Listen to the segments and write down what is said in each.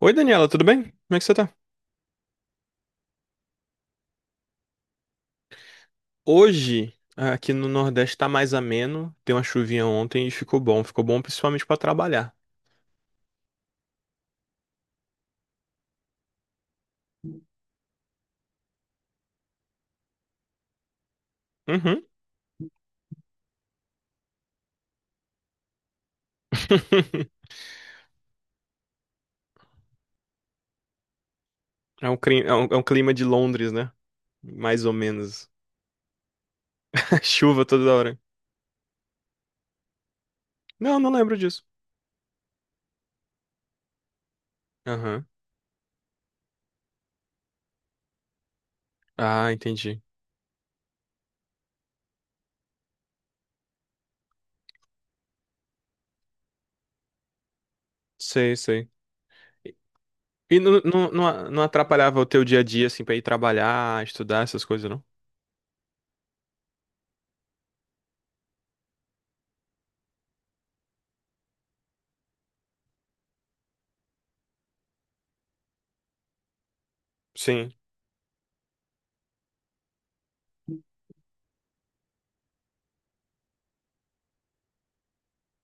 Oi, Daniela, tudo bem? Como é que você tá? Hoje, aqui no Nordeste, tá mais ameno. Deu uma chuvinha ontem e ficou bom. Ficou bom principalmente pra trabalhar. Uhum. É um clima de Londres, né? Mais ou menos. Chuva toda hora. Não, não lembro disso. Aham. Ah, entendi. Sei, sei. E e não atrapalhava o teu dia a dia, assim, pra ir trabalhar, estudar, essas coisas, não? Sim.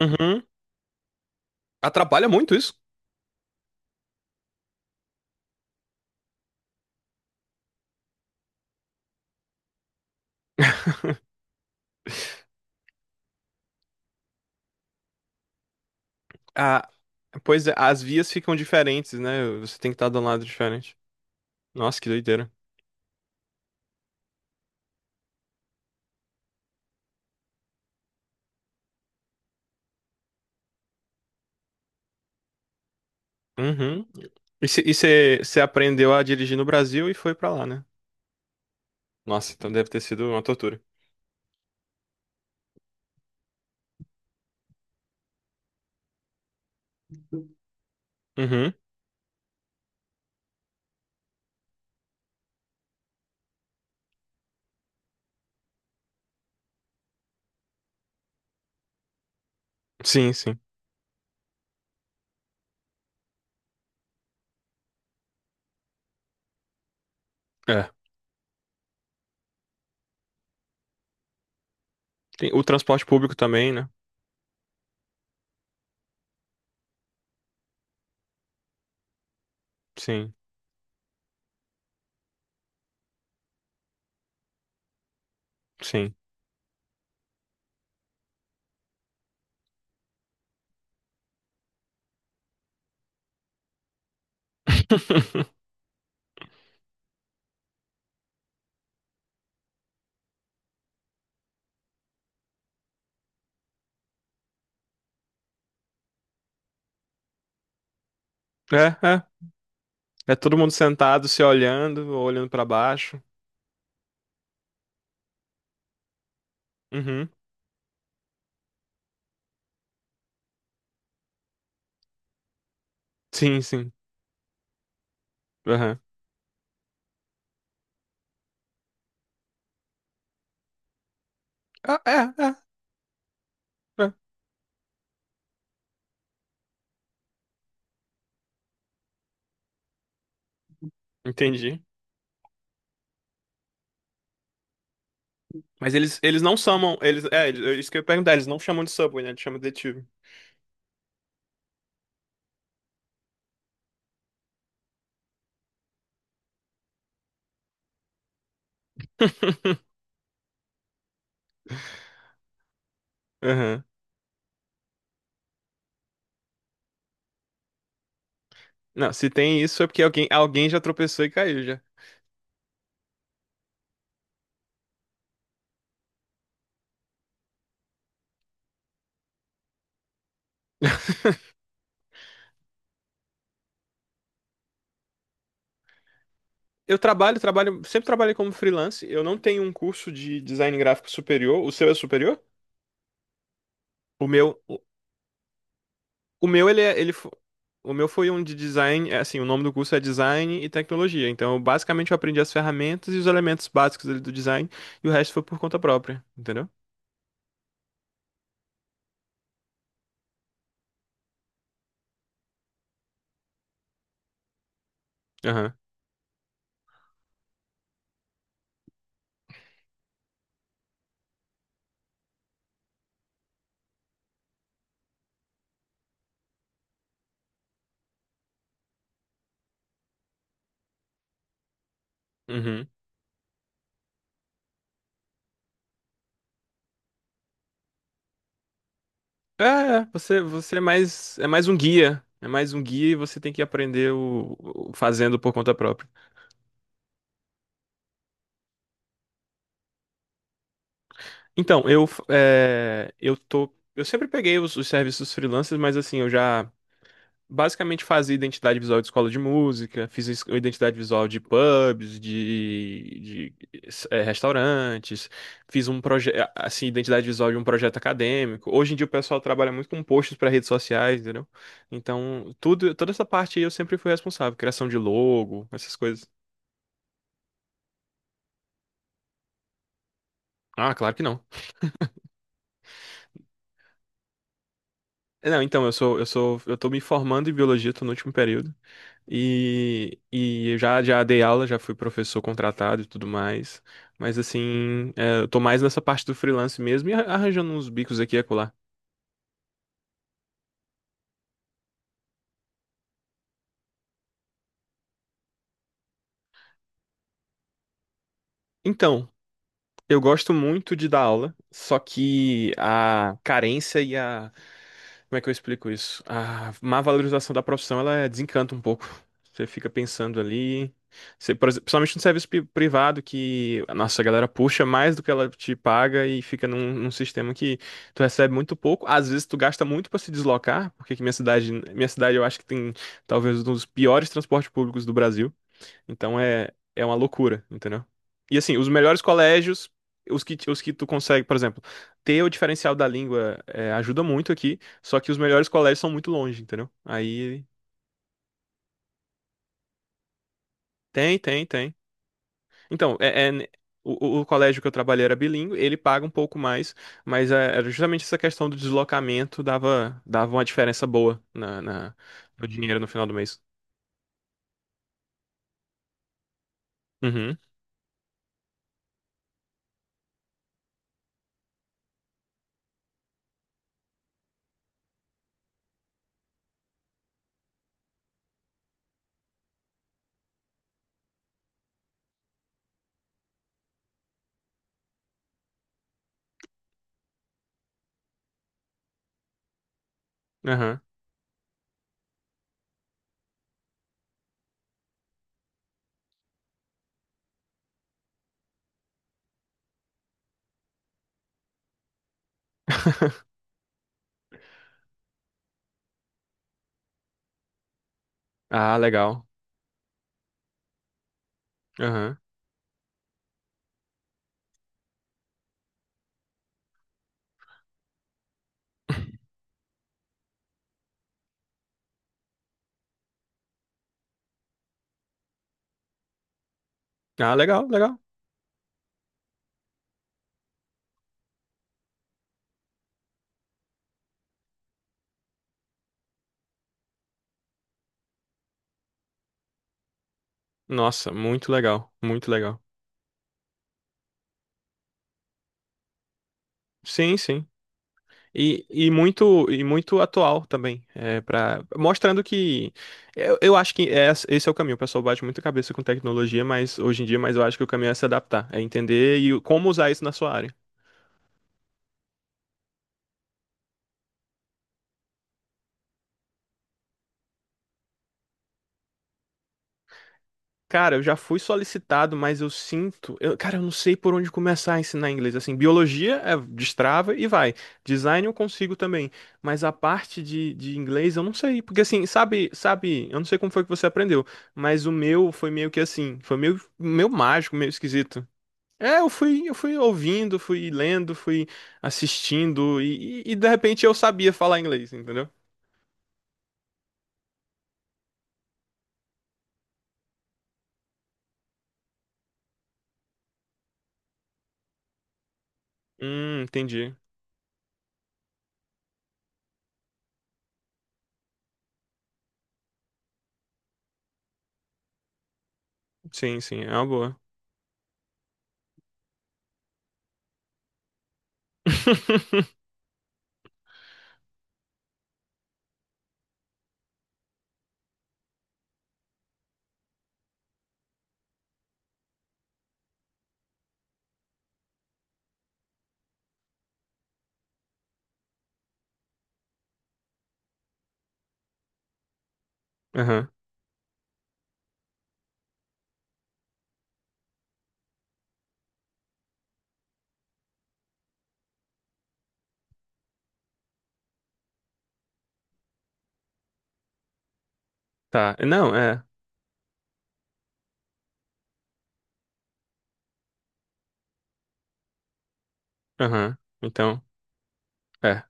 Uhum. Atrapalha muito isso. Ah, pois é, as vias ficam diferentes, né? Você tem que estar de um lado diferente. Nossa, que doideira. Uhum. E você aprendeu a dirigir no Brasil e foi pra lá, né? Nossa, então deve ter sido uma tortura. Uhum. Sim, sim. É. Tem o transporte público também, né? Sim, sim. É, é. É todo mundo sentado, se olhando, ou olhando pra baixo. Uhum. Sim, sim. Aham. Ah, é, é, é. Entendi. Mas eles não chamam. É isso que eu ia perguntar, eles não chamam de Subway, né? Eles chamam de detetive. Aham. Não, se tem isso é porque alguém, alguém já tropeçou e caiu já. Eu trabalho, trabalho, sempre trabalhei como freelance. Eu não tenho um curso de design gráfico superior. O seu é superior? O meu, o, o meu ele é, ele, fo- O meu foi um de design, é assim, o nome do curso é design e tecnologia. Então, eu, basicamente eu aprendi as ferramentas e os elementos básicos ali do design e o resto foi por conta própria, entendeu? Aham. Uhum. É, é, você é mais um guia. É mais um guia e você tem que aprender fazendo por conta própria. Então, eu, é, eu tô, eu sempre peguei os serviços freelancers, mas assim, eu já basicamente fazia identidade visual de escola de música, identidade visual de pubs, de restaurantes, fiz um projeto, assim, identidade visual de um projeto acadêmico. Hoje em dia o pessoal trabalha muito com posts para redes sociais, entendeu? Então, tudo, toda essa parte aí eu sempre fui responsável, criação de logo, essas coisas. Ah, claro que não. É, não, então, eu tô me formando em biologia, tô no último período. E eu já, já dei aula, já fui professor contratado e tudo mais. Mas assim, é, eu tô mais nessa parte do freelance mesmo e arranjando uns bicos aqui e acolá. Então, eu gosto muito de dar aula, só que a carência e a... Como é que eu explico isso? A má valorização da profissão, ela é- desencanta um pouco. Você fica pensando ali. Você, por exemplo, principalmente no serviço privado, que a nossa galera puxa mais do que ela te paga e fica num sistema que tu recebe muito pouco. Às vezes tu gasta muito para se deslocar, porque aqui minha cidade eu acho que tem talvez um dos piores transportes públicos do Brasil. Então é, é uma loucura, entendeu? E assim, os melhores colégios, os que tu consegue, por exemplo, ter o diferencial da língua é, ajuda muito aqui, só que os melhores colégios são muito longe, entendeu? Aí tem, tem, tem. Então, o, o colégio que eu trabalhei era bilíngue, ele paga um pouco mais, mas é, era justamente essa questão do deslocamento dava, dava uma diferença boa no dinheiro no final do mês. Uhum, aham. Ah, legal. Aham. Ah, legal, legal. Nossa, muito legal, muito legal. Sim, sim. E muito e muito atual também, é para mostrando que eu acho que esse é o caminho. O pessoal bate muita cabeça com tecnologia, mas hoje em dia, mas eu acho que o caminho é se adaptar, é entender e como usar isso na sua área. Cara, eu já fui solicitado, mas eu sinto. Cara, eu não sei por onde começar a ensinar inglês. Assim, biologia é destrava e vai. Design eu consigo também. Mas a parte de inglês eu não sei. Porque assim, sabe, eu não sei como foi que você aprendeu, mas o meu foi meio que assim, foi meio, meio mágico, meio esquisito. É, eu fui ouvindo, fui lendo, fui assistindo, e de repente eu sabia falar inglês, entendeu? Entendi. Sim, sim, é uma boa. Aham. Tá. Não, é. Aham. Então, é.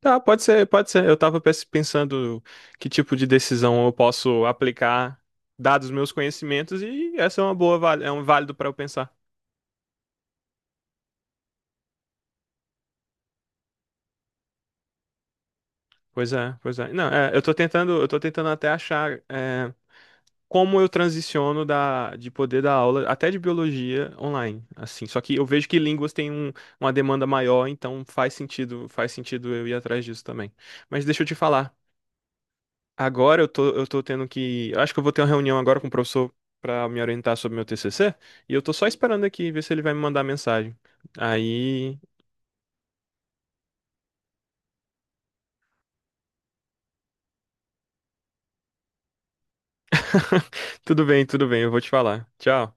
Tá, pode ser, pode ser. Eu tava pensando que tipo de decisão eu posso aplicar, dados meus conhecimentos, e essa é uma boa, é um válido para eu pensar. Pois é, pois é. Não, é, eu tô tentando até achar é, como eu transiciono de poder dar aula, até de biologia online, assim. Só que eu vejo que línguas têm uma demanda maior, então faz sentido eu ir atrás disso também. Mas deixa eu te falar. Agora eu tô tendo que. Eu Acho que eu vou ter uma reunião agora com o professor pra me orientar sobre meu TCC. E eu tô só esperando aqui ver se ele vai me mandar mensagem. Aí. Tudo bem, eu vou te falar. Tchau.